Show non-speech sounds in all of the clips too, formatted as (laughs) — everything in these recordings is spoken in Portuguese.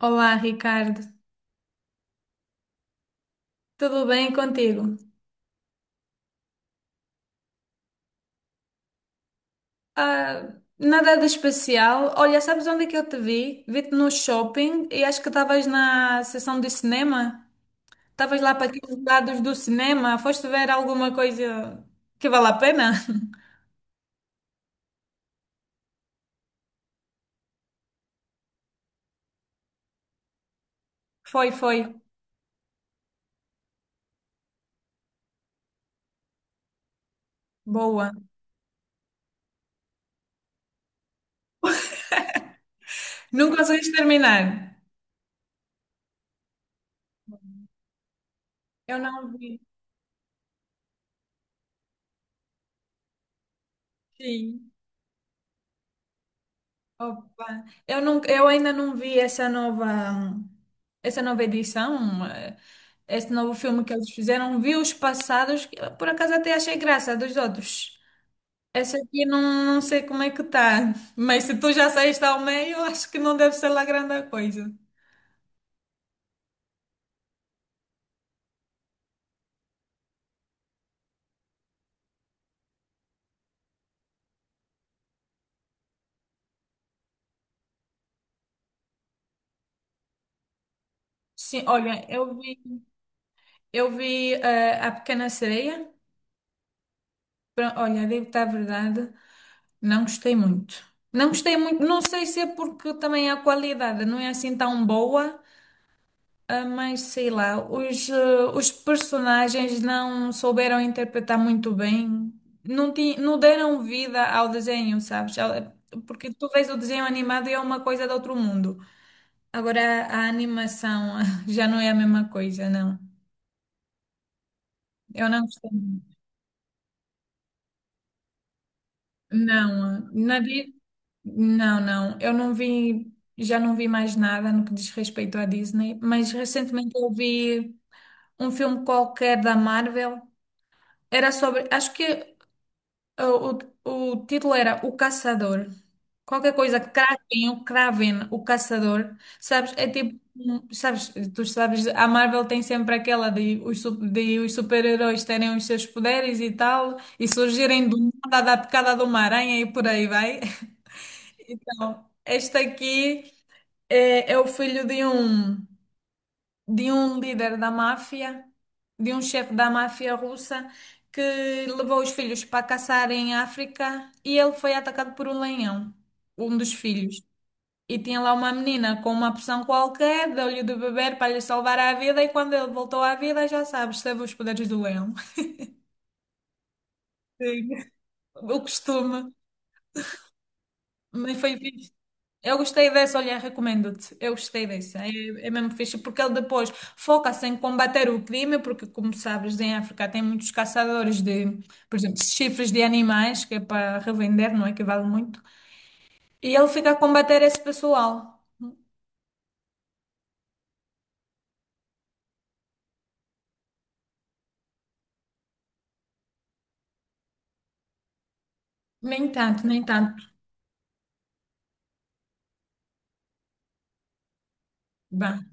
Olá, Ricardo. Tudo bem contigo? Ah, nada de especial. Olha, sabes onde é que eu te vi? Vi-te no shopping e acho que estavas na sessão de cinema. Estavas lá para aqueles lados do cinema. Foste ver alguma coisa que vale a pena? (laughs) Foi, foi. Boa. Não conseguiste terminar? Eu não vi. Sim. Opa, eu ainda não vi essa nova edição, esse novo filme que eles fizeram. Vi os passados, que eu, por acaso, até achei graça dos outros. Essa aqui não, não sei como é que tá, (laughs) mas se tu já saíste ao meio, eu acho que não deve ser lá grande coisa. Sim, olha, eu vi A Pequena Sereia. Olha, digo-te a verdade, não gostei muito. Não gostei muito, não sei se é porque também a qualidade não é assim tão boa. Ah, mas sei lá, os personagens não souberam interpretar muito bem, não deram vida ao desenho, sabes? Porque tu vês o desenho animado e é uma coisa de outro mundo. Agora a animação (laughs) já não é a mesma coisa, não. Eu não gostei. Não, Nadir, não, não. Eu não vi, já não vi mais nada no que diz respeito à Disney, mas recentemente eu vi um filme qualquer da Marvel. Era sobre, acho que uh, o título era O Caçador. Qualquer coisa, Kraken, o Kraven, o Caçador. Sabes, é tipo, tu sabes, a Marvel tem sempre aquela de os super-heróis terem os seus poderes e tal, e surgirem do nada da picada de uma aranha e por aí vai. (laughs) Então, este aqui é o filho de um líder da máfia, de um chefe da máfia russa, que levou os filhos para caçar em África e ele foi atacado por um leão, um dos filhos. E tinha lá uma menina com uma poção qualquer, deu-lhe de beber para lhe salvar a vida, e quando ele voltou à vida, já sabes, teve os poderes do leão. (laughs) Sim. O costume. Mas foi fixe. Eu gostei dessa, olha, recomendo-te. Eu gostei dessa. É mesmo fixe, porque ele depois foca-se em combater o crime, porque, como sabes, em África tem muitos caçadores de, por exemplo, chifres de animais, que é para revender, não é? Que vale muito. E ele fica a combater esse pessoal. Nem tanto, nem tanto. Bem,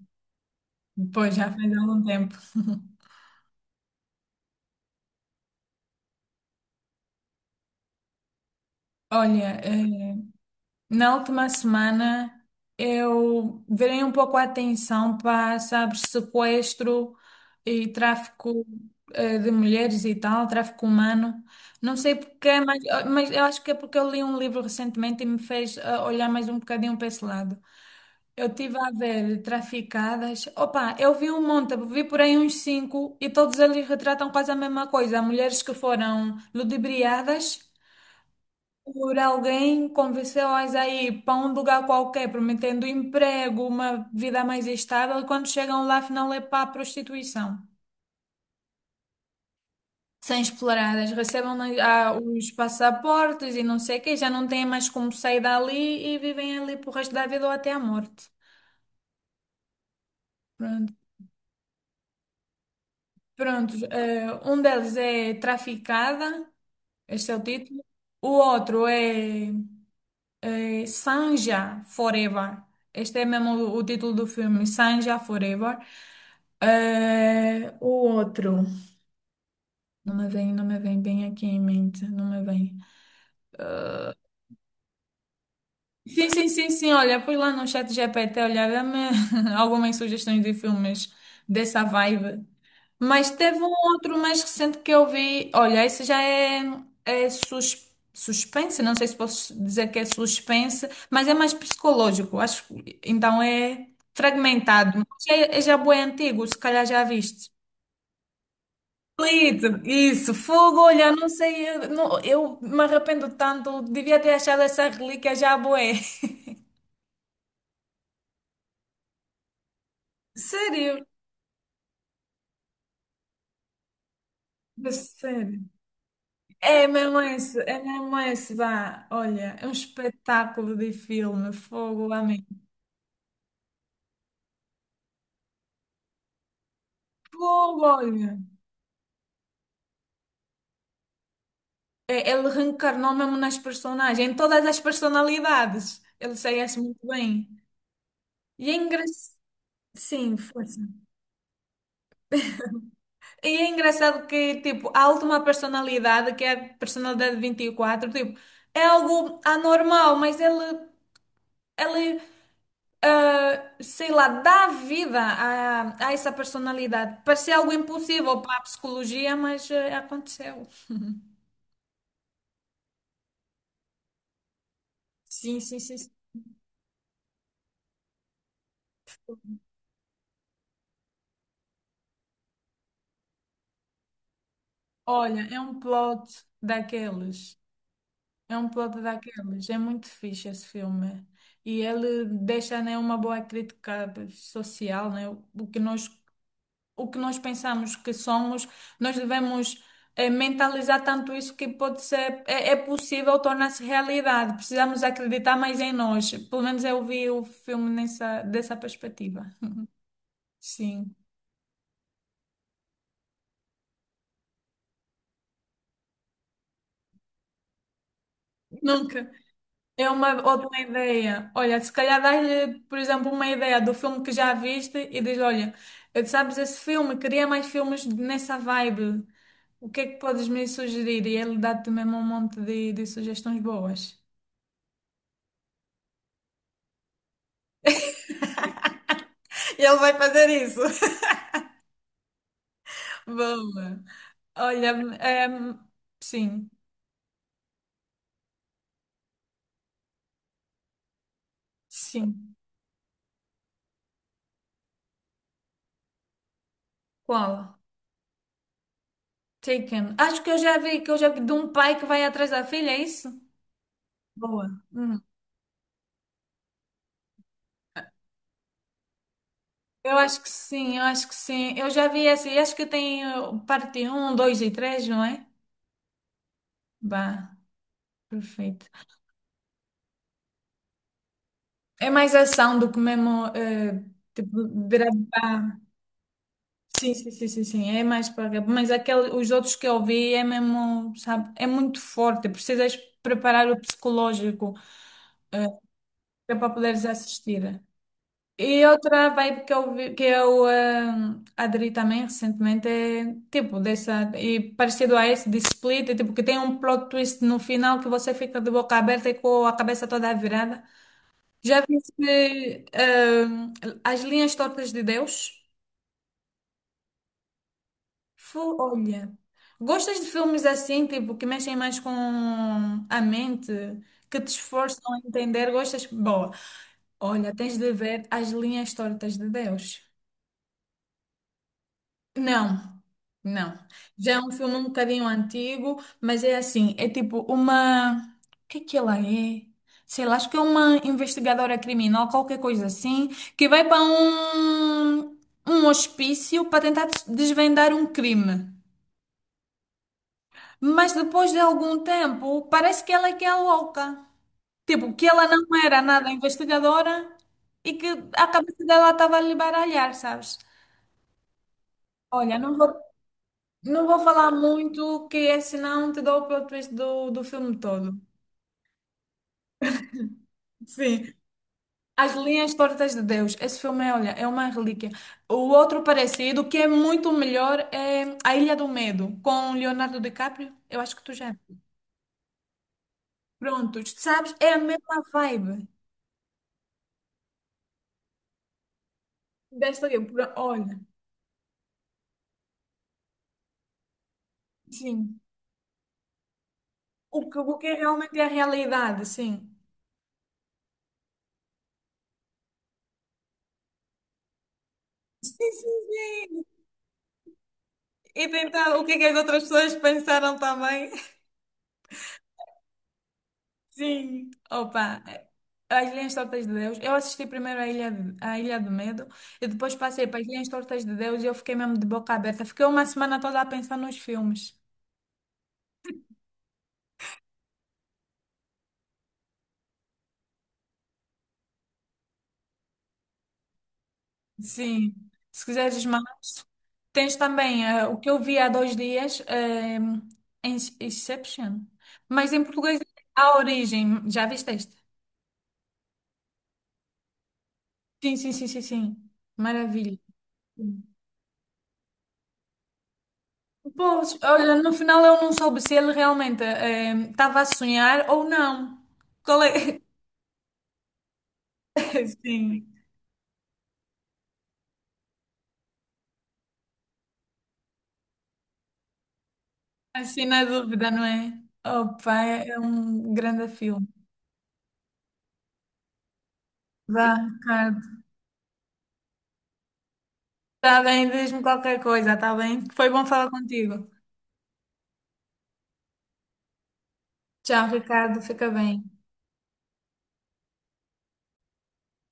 depois já faz algum tempo. (laughs) Olha, na última semana, eu virei um pouco a atenção para, sabe, sequestro e tráfico de mulheres e tal, tráfico humano. Não sei porquê, mas eu acho que é porque eu li um livro recentemente e me fez olhar mais um bocadinho para esse lado. Eu tive a ver traficadas. Opa, eu vi um monte, vi por aí uns cinco e todos eles retratam quase a mesma coisa. Mulheres que foram ludibriadas. Por alguém convenceu-as a ir para um lugar qualquer, prometendo emprego, uma vida mais estável, e quando chegam lá, afinal é para a prostituição. São exploradas, recebem os passaportes e não sei o quê, já não têm mais como sair dali e vivem ali pro resto da vida ou até a morte. Pronto. Pronto, um deles é traficada, este é o título. O outro é Sanja Forever. Este é mesmo o título do filme, Sanja Forever. O outro, não me vem bem aqui em mente, não me vem. Sim, sim, sim, sim. Olha, fui lá no chat GPT olhar, dá-me (laughs) algumas sugestões de filmes dessa vibe. Mas teve um outro mais recente que eu vi. Olha, esse já é, é suspense, não sei se posso dizer que é suspense, mas é mais psicológico, acho. Então é fragmentado. Mas é já bué antigo, se calhar já viste. Split, isso, fogo, olha, não sei, eu, não- eu me arrependo tanto, devia ter achado essa relíquia já bué. Sério? Percebe? É mesmo esse, vá. Olha, é um espetáculo de filme, fogo, amém. Fogo, olha. É, ele reencarnou mesmo nas personagens, em todas as personalidades. Ele saía-se muito bem. E é engraçado. Sim, força. E é engraçado que, tipo, a última personalidade, que é a personalidade 24, tipo, é algo anormal, mas ele sei lá, dá vida a essa personalidade. Parecia algo impossível para a psicologia, mas aconteceu. Sim, sim, sim. Sim. Olha, é um plot daqueles. É um plot daqueles. É muito fixe esse filme. E ele deixa, né, uma boa crítica social, né? O que nós pensamos que somos, nós devemos mentalizar tanto isso que pode ser, é possível tornar-se realidade. Precisamos acreditar mais em nós. Pelo menos eu vi o filme nessa, dessa perspectiva. Sim. Nunca. É uma ótima ideia. Olha, se calhar dás-lhe, por exemplo, uma ideia do filme que já viste e diz, olha, sabes esse filme, queria mais filmes nessa vibe. O que é que podes me sugerir? E ele dá-te mesmo um monte de sugestões boas. E ele vai fazer isso. (laughs) Boa. Olha, ehm, sim, sim. Qual? Taken. Acho que eu já vi, que eu já vi, de um pai que vai atrás da filha, é isso? Boa. Hum. Eu acho que sim, eu acho que sim. Eu já vi essa, e acho que tem, eh, parte um, 2 e três, não é? Bah, perfeito. É mais ação do que mesmo, eh, tipo, virar. Sim, sim, sim, sim, sim, é mais para. Mas aquele, os outros que eu vi é mesmo, sabe, é muito forte. É precisas preparar o psicológico que é para poderes assistir. E outra vibe que eu aderi também recentemente é tipo dessa, e parecido a esse de Split, é, tipo que tem um plot twist no final que você fica de boca aberta e com a cabeça toda virada. Já viste As Linhas Tortas de Deus? Olha, gostas de filmes assim, tipo, que mexem mais com a mente, que te esforçam a entender? Gostas? Boa. Olha, tens de ver As Linhas Tortas de Deus. Não, não. Já é um filme um bocadinho antigo, mas é assim, é tipo uma... O que é que ela é? Sei lá, acho que é uma investigadora criminal, qualquer coisa assim, que vai para um hospício para tentar desvendar um crime. Mas depois de algum tempo, parece que ela é que é louca. Tipo, que ela não era nada investigadora e que a cabeça dela estava a lhe baralhar, sabes? Olha, não vou, não vou falar muito, que é senão te dou o plot twist do filme todo. Sim. As Linhas Tortas de Deus. Esse filme, é, olha, é uma relíquia. O outro parecido, que é muito melhor, é A Ilha do Medo, com Leonardo DiCaprio. Eu acho que tu já. Pronto, sabes? É a mesma vibe. Desta aqui, olha. Sim. O que é realmente é a realidade, sim. Sim, sim, sim. E tentar o que é que as outras pessoas pensaram também. Sim. Opa, as Linhas Tortas de Deus. Eu assisti primeiro a Ilha, a Ilha do Medo e depois passei para as Linhas Tortas de Deus e eu fiquei mesmo de boca aberta. Fiquei uma semana toda a pensar nos filmes. Sim. Se quiseres mais, tens também o que eu vi há 2 dias, Inception. Mas em português, A Origem. Já viste este? Sim, sim, sim, sim, sim. Maravilha. Pois, olha, no final eu não soube se ele realmente estava a sonhar ou não. Qual é? (laughs) Sim, assim na dúvida, não é? Opa, é um grande filme. Vá, Ricardo. Está bem, diz-me qualquer coisa, está bem? Foi bom falar contigo. Tchau, Ricardo, fica bem.